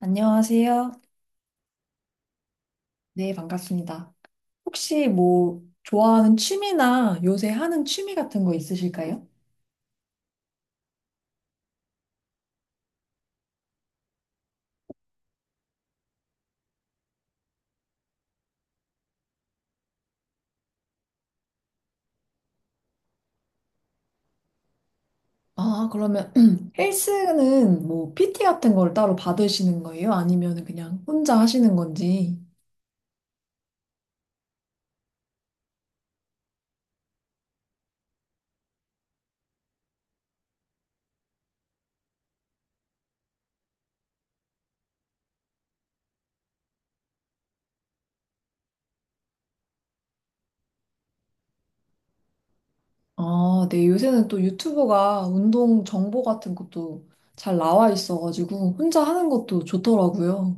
안녕하세요. 네, 반갑습니다. 혹시 뭐 좋아하는 취미나 요새 하는 취미 같은 거 있으실까요? 아, 그러면 헬스는 뭐 PT 같은 걸 따로 받으시는 거예요? 아니면 그냥 혼자 하시는 건지? 아, 네, 요새는 또 유튜브가 운동 정보 같은 것도 잘 나와 있어가지고 혼자 하는 것도 좋더라고요.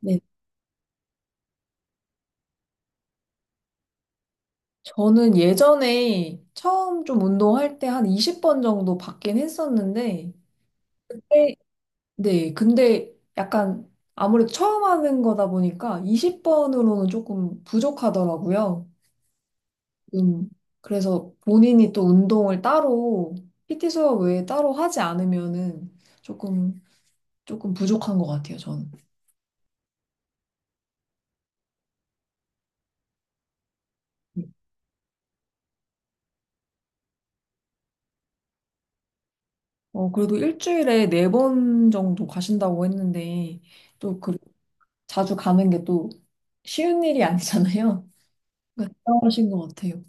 네, 저는 예전에 처음 좀 운동할 때 한 20번 정도 받긴 했었는데 그때, 네, 근데 약간 아무래도 처음 하는 거다 보니까 20번으로는 조금 부족하더라고요. 음, 그래서 본인이 또 운동을 따로, PT 수업 외에 따로 하지 않으면은 조금, 조금 부족한 것 같아요, 저는. 네. 어, 그래도 일주일에 네 번 정도 가신다고 했는데, 또 그, 자주 가는 게 또 쉬운 일이 아니잖아요. 그러니까 대단하신 것 같아요.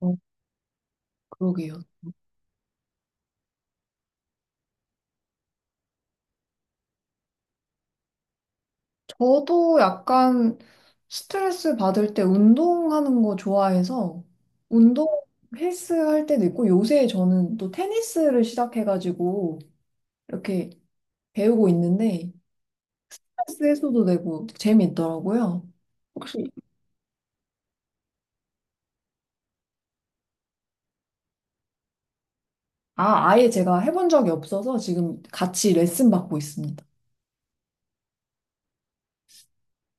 어, 그러게요. 저도 약간 스트레스 받을 때 운동하는 거 좋아해서 운동, 헬스 할 때도 있고, 요새 저는 또 테니스를 시작해가지고 이렇게 배우고 있는데 스트레스 해소도 되고 재미있더라고요. 혹시, 아, 아예 제가 해본 적이 없어서 지금 같이 레슨 받고 있습니다.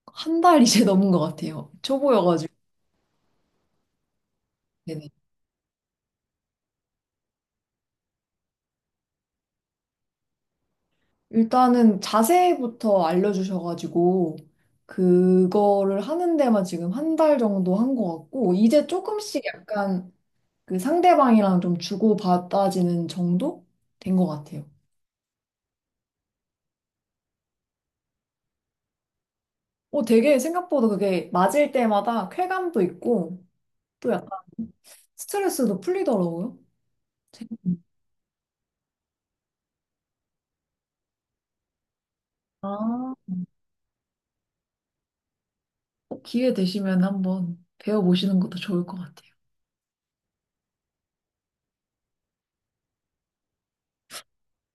한 달 이제 넘은 것 같아요. 초보여가지고. 일단은 자세부터 알려주셔가지고, 그거를 하는 데만 지금 한 달 정도 한 것 같고, 이제 조금씩 약간 그 상대방이랑 좀 주고받아지는 정도 된 것 같아요. 어, 되게 생각보다 그게 맞을 때마다 쾌감도 있고, 또 약간 스트레스도 풀리더라고요. 재밌- 아, 꼭 기회 되시면 한번 배워보시는 것도 좋을 것 같아요.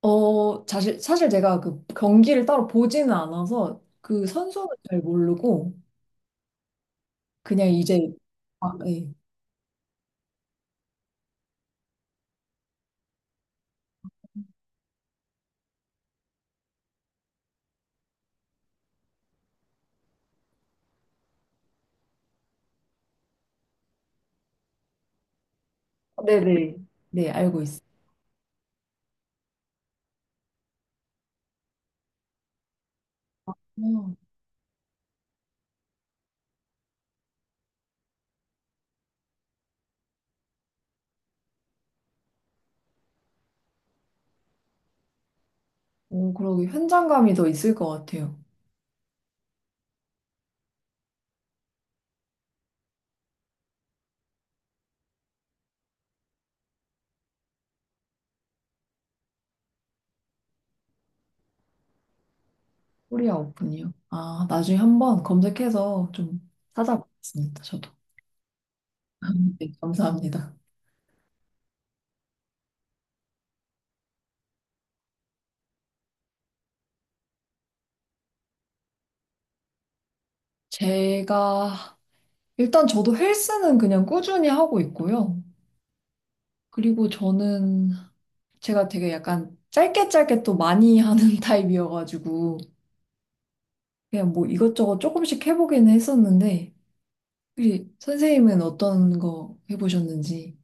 어, 사실 제가 그 경기를 따로 보지는 않아서 그 선수는 잘 모르고 그냥 이제, 아, 네. 네네. 네, 알고 있어요. 어, 오, 그러고 현장감이 더 있을 것 같아요. 코리아 오픈이요. 아, 나중에 한번 검색해서 좀 찾아보겠습니다, 저도. 네, 감사합니다. 제가, 일단 저도 헬스는 그냥 꾸준히 하고 있고요. 그리고 저는 제가 되게 약간 짧게 짧게 또 많이 하는 타입이어가지고, 그냥 뭐 이것저것 조금씩 해보기는 했었는데, 우리 선생님은 어떤 거 해보셨는지.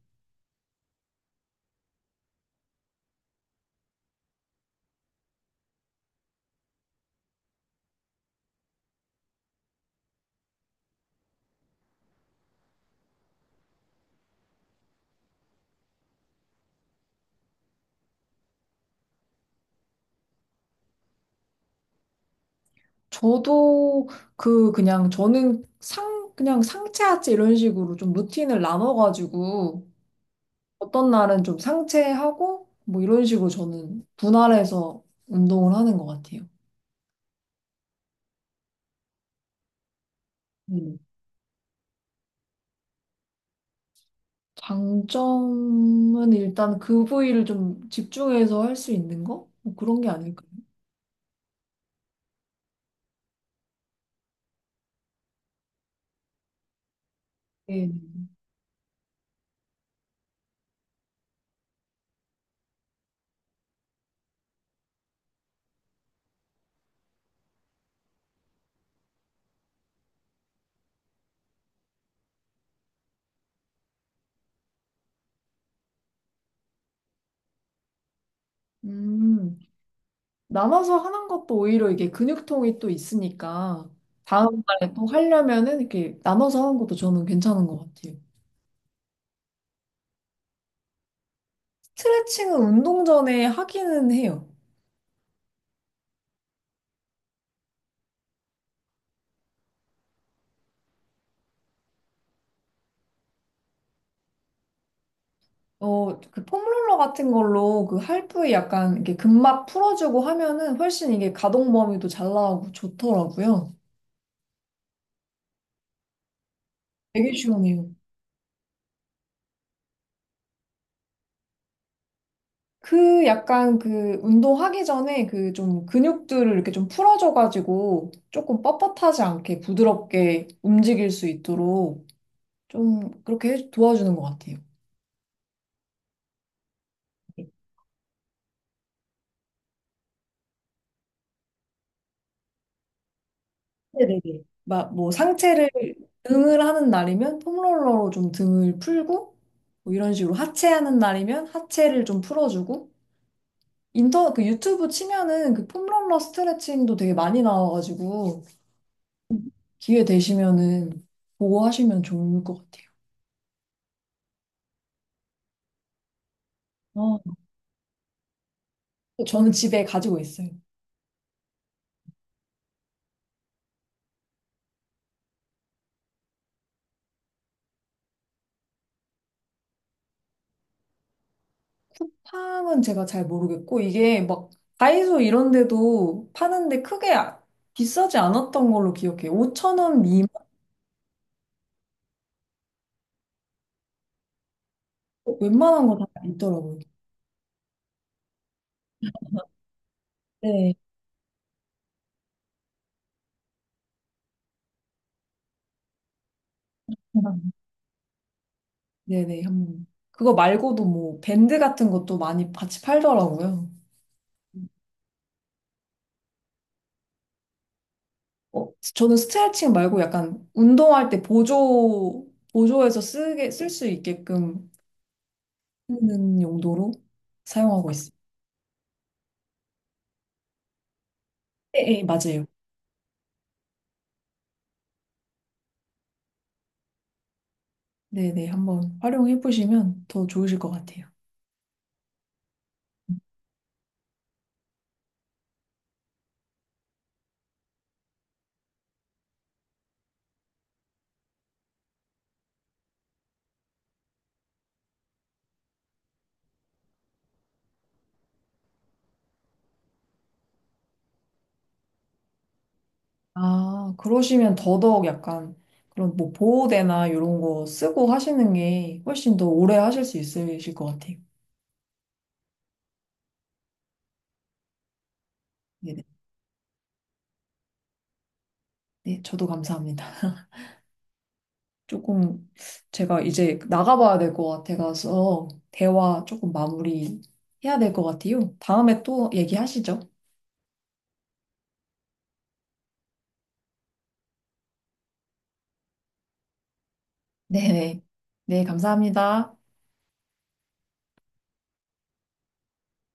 저도 그, 그냥 저는 상 그냥 상체 하체 이런 식으로 좀 루틴을 나눠가지고 어떤 날은 좀 상체하고 뭐 이런 식으로 저는 분할해서 운동을 하는 것 같아요. 음. 장점은 일단 그 부위를 좀 집중해서 할 수 있는 거? 뭐 그런 게 아닐까요? 네. 음. 나눠서 하는 것도 오히려 이게 근육통이 또 있으니까 다음 날에 또 하려면은 이렇게 나눠서 하는 것도 저는 괜찮은 것 같아요. 스트레칭은 운동 전에 하기는 해요. 어, 그 폼롤러 같은 걸로 그 할부에 약간 이렇게 근막 풀어주고 하면은 훨씬 이게 가동 범위도 잘 나오고 좋더라고요. 되게 시원해요. 그 약간 그 운동하기 전에 그 좀 근육들을 이렇게 좀 풀어줘가지고 조금 뻣뻣하지 않게 부드럽게 움직일 수 있도록 좀 그렇게 도와주는 것 같아요. 네네네. 막 뭐 상체를, 등을 하는 날이면 폼롤러로 좀 등을 풀고 뭐 이런 식으로 하체 하는 날이면 하체를 좀 풀어주고, 인터, 그 유튜브 치면은 그 폼롤러 스트레칭도 되게 많이 나와가지고 기회 되시면은 보고 하시면 좋을 것 같아요. 어, 저는 집에 가지고 있어요. 향은 제가 잘 모르겠고, 이게 막 다이소 이런 데도 파는데 크게 비싸지 않았던 걸로 기억해요. 5천 원 미만? 웬만한 거 다 있더라고요. 네. 음. 네네, 한번. 그거 말고도 뭐 밴드 같은 것도 많이 같이 팔더라고요. 어, 저는 스트레칭 말고 약간 운동할 때 보조해서 쓸 수 있게끔 쓰는 용도로 사용하고 있어요. 네, 네, 맞아요. 네네, 한번 활용해 보시면 더 좋으실 것 같아요. 아, 그러시면 더더욱 약간 그런 뭐 보호대나 이런 거 쓰고 하시는 게 훨씬 더 오래 하실 수 있으실 것 같아요. 네, 네. 네, 저도 감사합니다. 조금 제가 이제 나가봐야 될 것 같아서 대화 조금 마무리 해야 될 것 같아요. 다음에 또 얘기하시죠. 네네. 네, 네, 감사합니다.